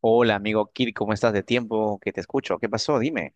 Hola, amigo Kir, ¿cómo estás de tiempo que te escucho? ¿Qué pasó? Dime.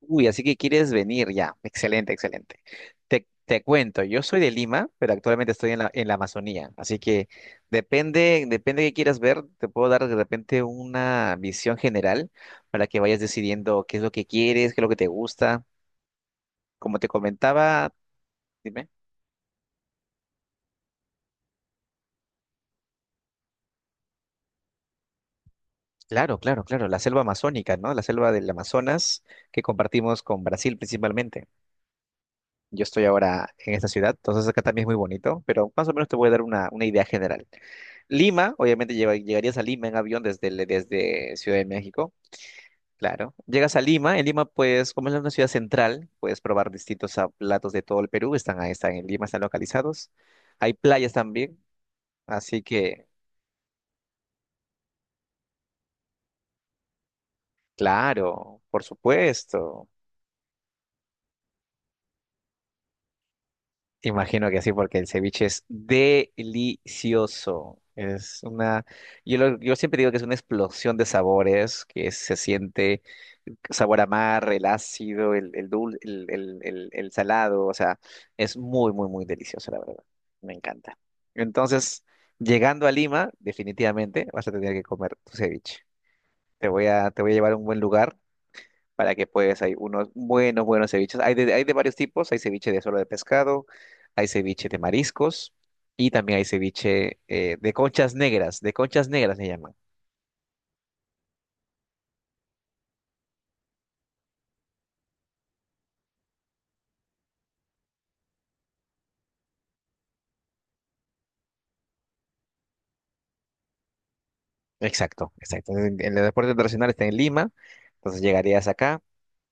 Uy, así que quieres venir ya. Excelente, excelente. Te cuento, yo soy de Lima, pero actualmente estoy en la Amazonía. Así que depende de qué quieras ver, te puedo dar de repente una visión general para que vayas decidiendo qué es lo que quieres, qué es lo que te gusta. Como te comentaba, dime. Claro, claro, claro, la selva amazónica, ¿no? La selva del Amazonas que compartimos con Brasil principalmente. Yo estoy ahora en esta ciudad, entonces acá también es muy bonito, pero más o menos te voy a dar una idea general. Lima, obviamente llegarías a Lima en avión desde Ciudad de México, claro. Llegas a Lima, en Lima pues como es una ciudad central, puedes probar distintos platos de todo el Perú, están ahí, están en Lima, están localizados. Hay playas también, así que, claro, por supuesto. Imagino que sí, porque el ceviche es delicioso. Yo yo siempre digo que es una explosión de sabores, que se siente sabor a mar, el ácido, el dulce, el salado, o sea, es muy, muy, muy delicioso, la verdad. Me encanta. Entonces, llegando a Lima, definitivamente vas a tener que comer tu ceviche. Te voy a llevar a un buen lugar para que puedas. Hay unos buenos, buenos ceviches. Hay de varios tipos. Hay ceviche de solo de pescado, hay ceviche de mariscos y también hay ceviche de conchas negras. De conchas negras se llaman. Exacto, exacto. En el deporte internacional está en Lima, entonces llegarías acá.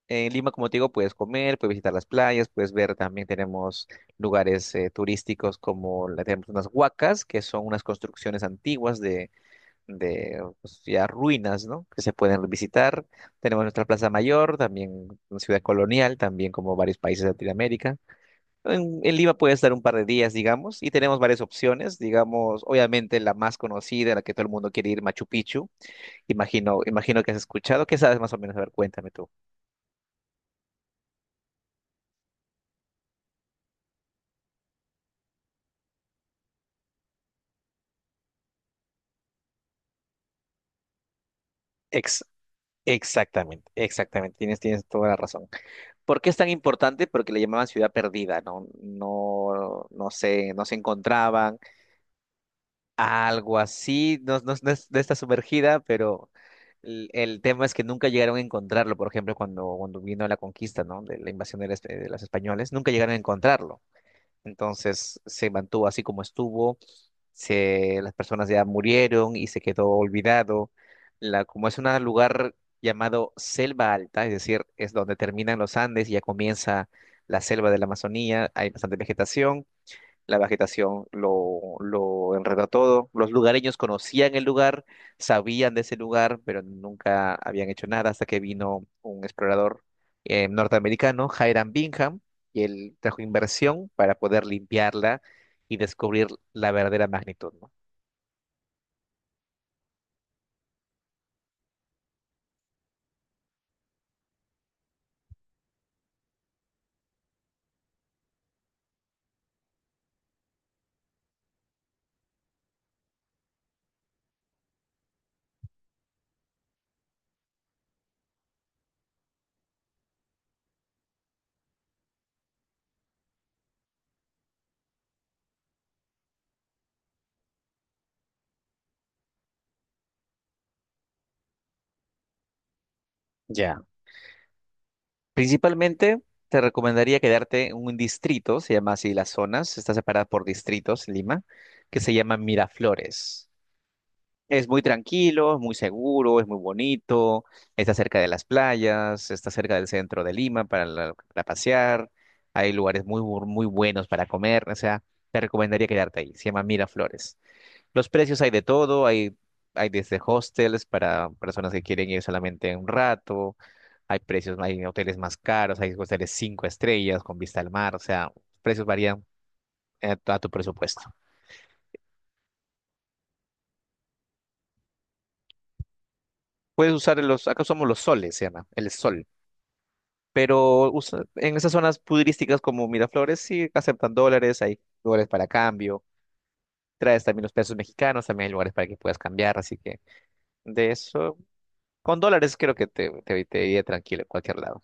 En Lima, como te digo, puedes comer, puedes visitar las playas, puedes ver también tenemos lugares turísticos como tenemos unas huacas, que son unas construcciones antiguas de pues, ya ruinas, ¿no? Que se pueden visitar. Tenemos nuestra Plaza Mayor, también una ciudad colonial, también como varios países de Latinoamérica. En Lima puedes estar un par de días, digamos, y tenemos varias opciones, digamos, obviamente la más conocida, la que todo el mundo quiere ir, Machu Picchu. Imagino, imagino que has escuchado, ¿qué sabes más o menos? A ver, cuéntame tú. Ex- Exactamente, exactamente, tienes toda la razón. ¿Por qué es tan importante? Porque le llamaban ciudad perdida, ¿no? No, no se encontraban. Algo así, no, no, no es de esta sumergida, pero el tema es que nunca llegaron a encontrarlo, por ejemplo, cuando vino la conquista, ¿no? De la invasión de los españoles, nunca llegaron a encontrarlo. Entonces se mantuvo así como estuvo, las personas ya murieron y se quedó olvidado. La, como es un lugar llamado Selva Alta, es decir, es donde terminan los Andes y ya comienza la selva de la Amazonía, hay bastante vegetación, la vegetación lo enredó todo. Los lugareños conocían el lugar, sabían de ese lugar, pero nunca habían hecho nada hasta que vino un explorador norteamericano, Hiram Bingham, y él trajo inversión para poder limpiarla y descubrir la verdadera magnitud, ¿no? Ya. Principalmente te recomendaría quedarte en un distrito, se llama así las zonas, está separada por distritos, Lima, que se llama Miraflores. Es muy tranquilo, es muy seguro, es muy bonito, está cerca de las playas, está cerca del centro de Lima para, para pasear, hay lugares muy, muy buenos para comer, o sea, te recomendaría quedarte ahí, se llama Miraflores. Los precios hay de todo, hay desde hostels para personas que quieren ir solamente un rato, hay precios, hay hoteles más caros, hay hoteles cinco estrellas con vista al mar, o sea, precios varían a tu presupuesto. Puedes usar los, acá usamos los soles, se llama, el sol. Pero en esas zonas pudirísticas como Miraflores sí aceptan dólares, hay lugares para cambio, traes también los pesos mexicanos, también hay lugares para que puedas cambiar, así que de eso, con dólares creo que te iría tranquilo en cualquier lado.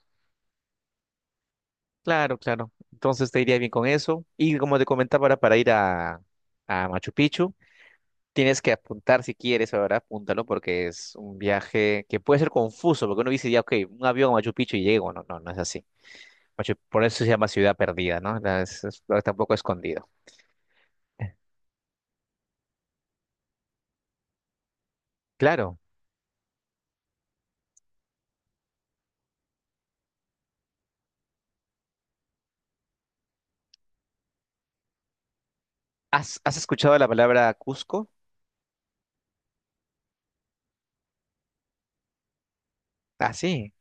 Claro, claro, entonces te iría bien con eso. Y como te comentaba, ahora para ir a Machu Picchu, tienes que apuntar si quieres, ahora apúntalo porque es un viaje que puede ser confuso, porque uno dice ya, ok, un avión a Machu Picchu y llego, no, no, no es así. Por eso se llama ciudad perdida, ¿no? Está un poco escondido. Claro. ¿Has escuchado la palabra Cusco? Ah, sí.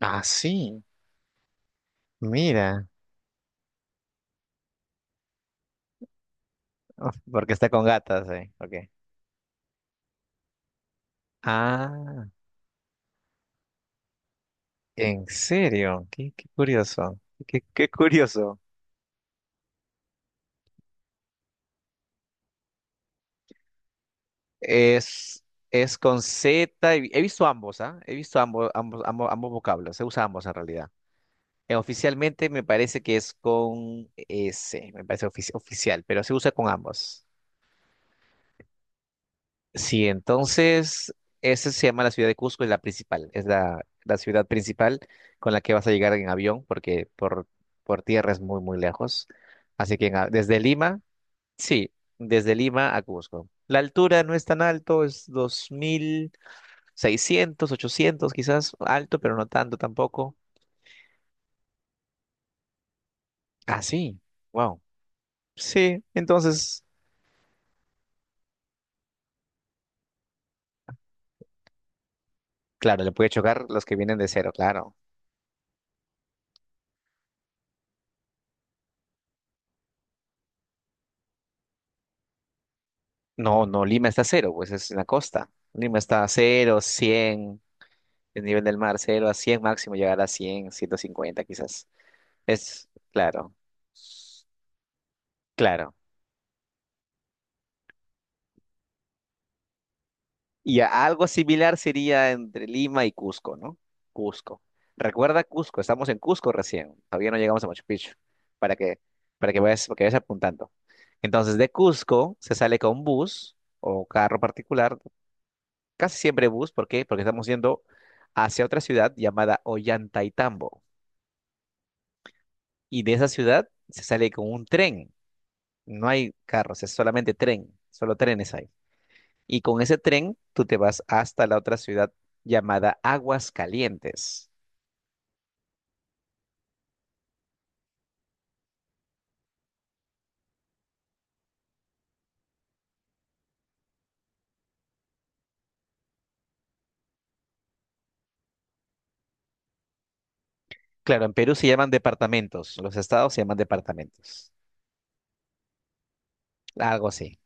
Ah, sí. Mira. Uf, porque está con gatas, eh. Ok. Ah, ¿en serio? Qué curioso. Qué curioso. Es, es con Z. He visto ambos, ¿ah? He visto ambos, ambos, ambos, ambos vocablos. Se usa ambos en realidad. Oficialmente me parece que es con S. Me parece oficial, pero se usa con ambos. Sí, entonces, esa se llama la ciudad de Cusco, es la principal, es la ciudad principal con la que vas a llegar en avión, porque por tierra es muy, muy lejos. Así que desde Lima, sí, desde Lima a Cusco. La altura no es tan alto, es 2600, 800 quizás, alto, pero no tanto tampoco. Ah, sí, wow. Sí, entonces, claro, le puede chocar los que vienen de cero, claro. No, no, Lima está a cero, pues es en la costa. Lima está a cero, 100. El nivel del mar, 0 a 100 máximo, llegar a 100 150 quizás. Es claro, claro. Algo similar sería entre Lima y Cusco, ¿no? Cusco. Recuerda Cusco, estamos en Cusco recién, todavía no llegamos a Machu Picchu, para que, para que vayas apuntando. Entonces, de Cusco se sale con bus o carro particular, casi siempre bus, ¿por qué? Porque estamos yendo hacia otra ciudad llamada Ollantaytambo. Y de esa ciudad se sale con un tren. No hay carros, es solamente tren, solo trenes hay. Y con ese tren tú te vas hasta la otra ciudad llamada Aguascalientes. Claro, en Perú se llaman departamentos, los estados se llaman departamentos, algo así.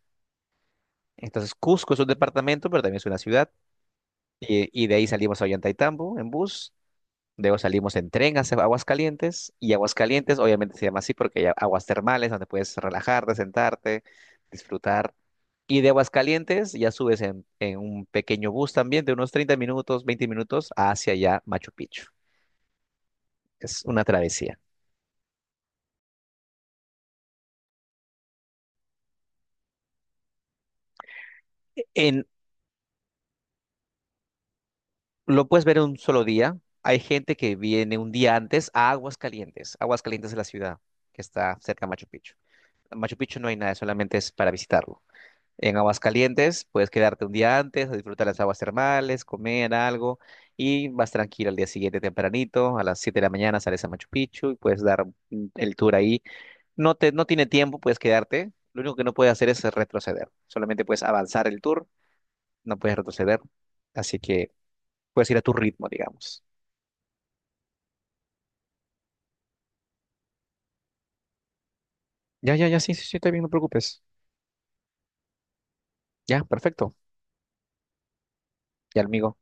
Entonces Cusco es un departamento, pero también es una ciudad. Y de ahí salimos a Ollantaytambo en bus. Luego salimos en tren hacia Aguascalientes, y Aguascalientes obviamente se llama así porque hay aguas termales donde puedes relajarte, sentarte, disfrutar. Y de Aguascalientes ya subes en un pequeño bus también de unos 30 minutos, 20 minutos hacia allá Machu Picchu. Es una travesía. En, lo puedes ver en un solo día. Hay gente que viene un día antes a Aguascalientes. Aguascalientes es la ciudad que está cerca de Machu Picchu. En Machu Picchu no hay nada, solamente es para visitarlo. En Aguascalientes puedes quedarte un día antes, a disfrutar las aguas termales, comer algo, y vas tranquilo al día siguiente tempranito, a las 7 de la mañana sales a Machu Picchu y puedes dar el tour ahí. No tiene tiempo, puedes quedarte. Lo único que no puedes hacer es retroceder. Solamente puedes avanzar el tour, no puedes retroceder. Así que puedes ir a tu ritmo, digamos. Ya, ya, ya, sí, sí, sí, está bien, no te preocupes. Ya, perfecto. Ya, amigo.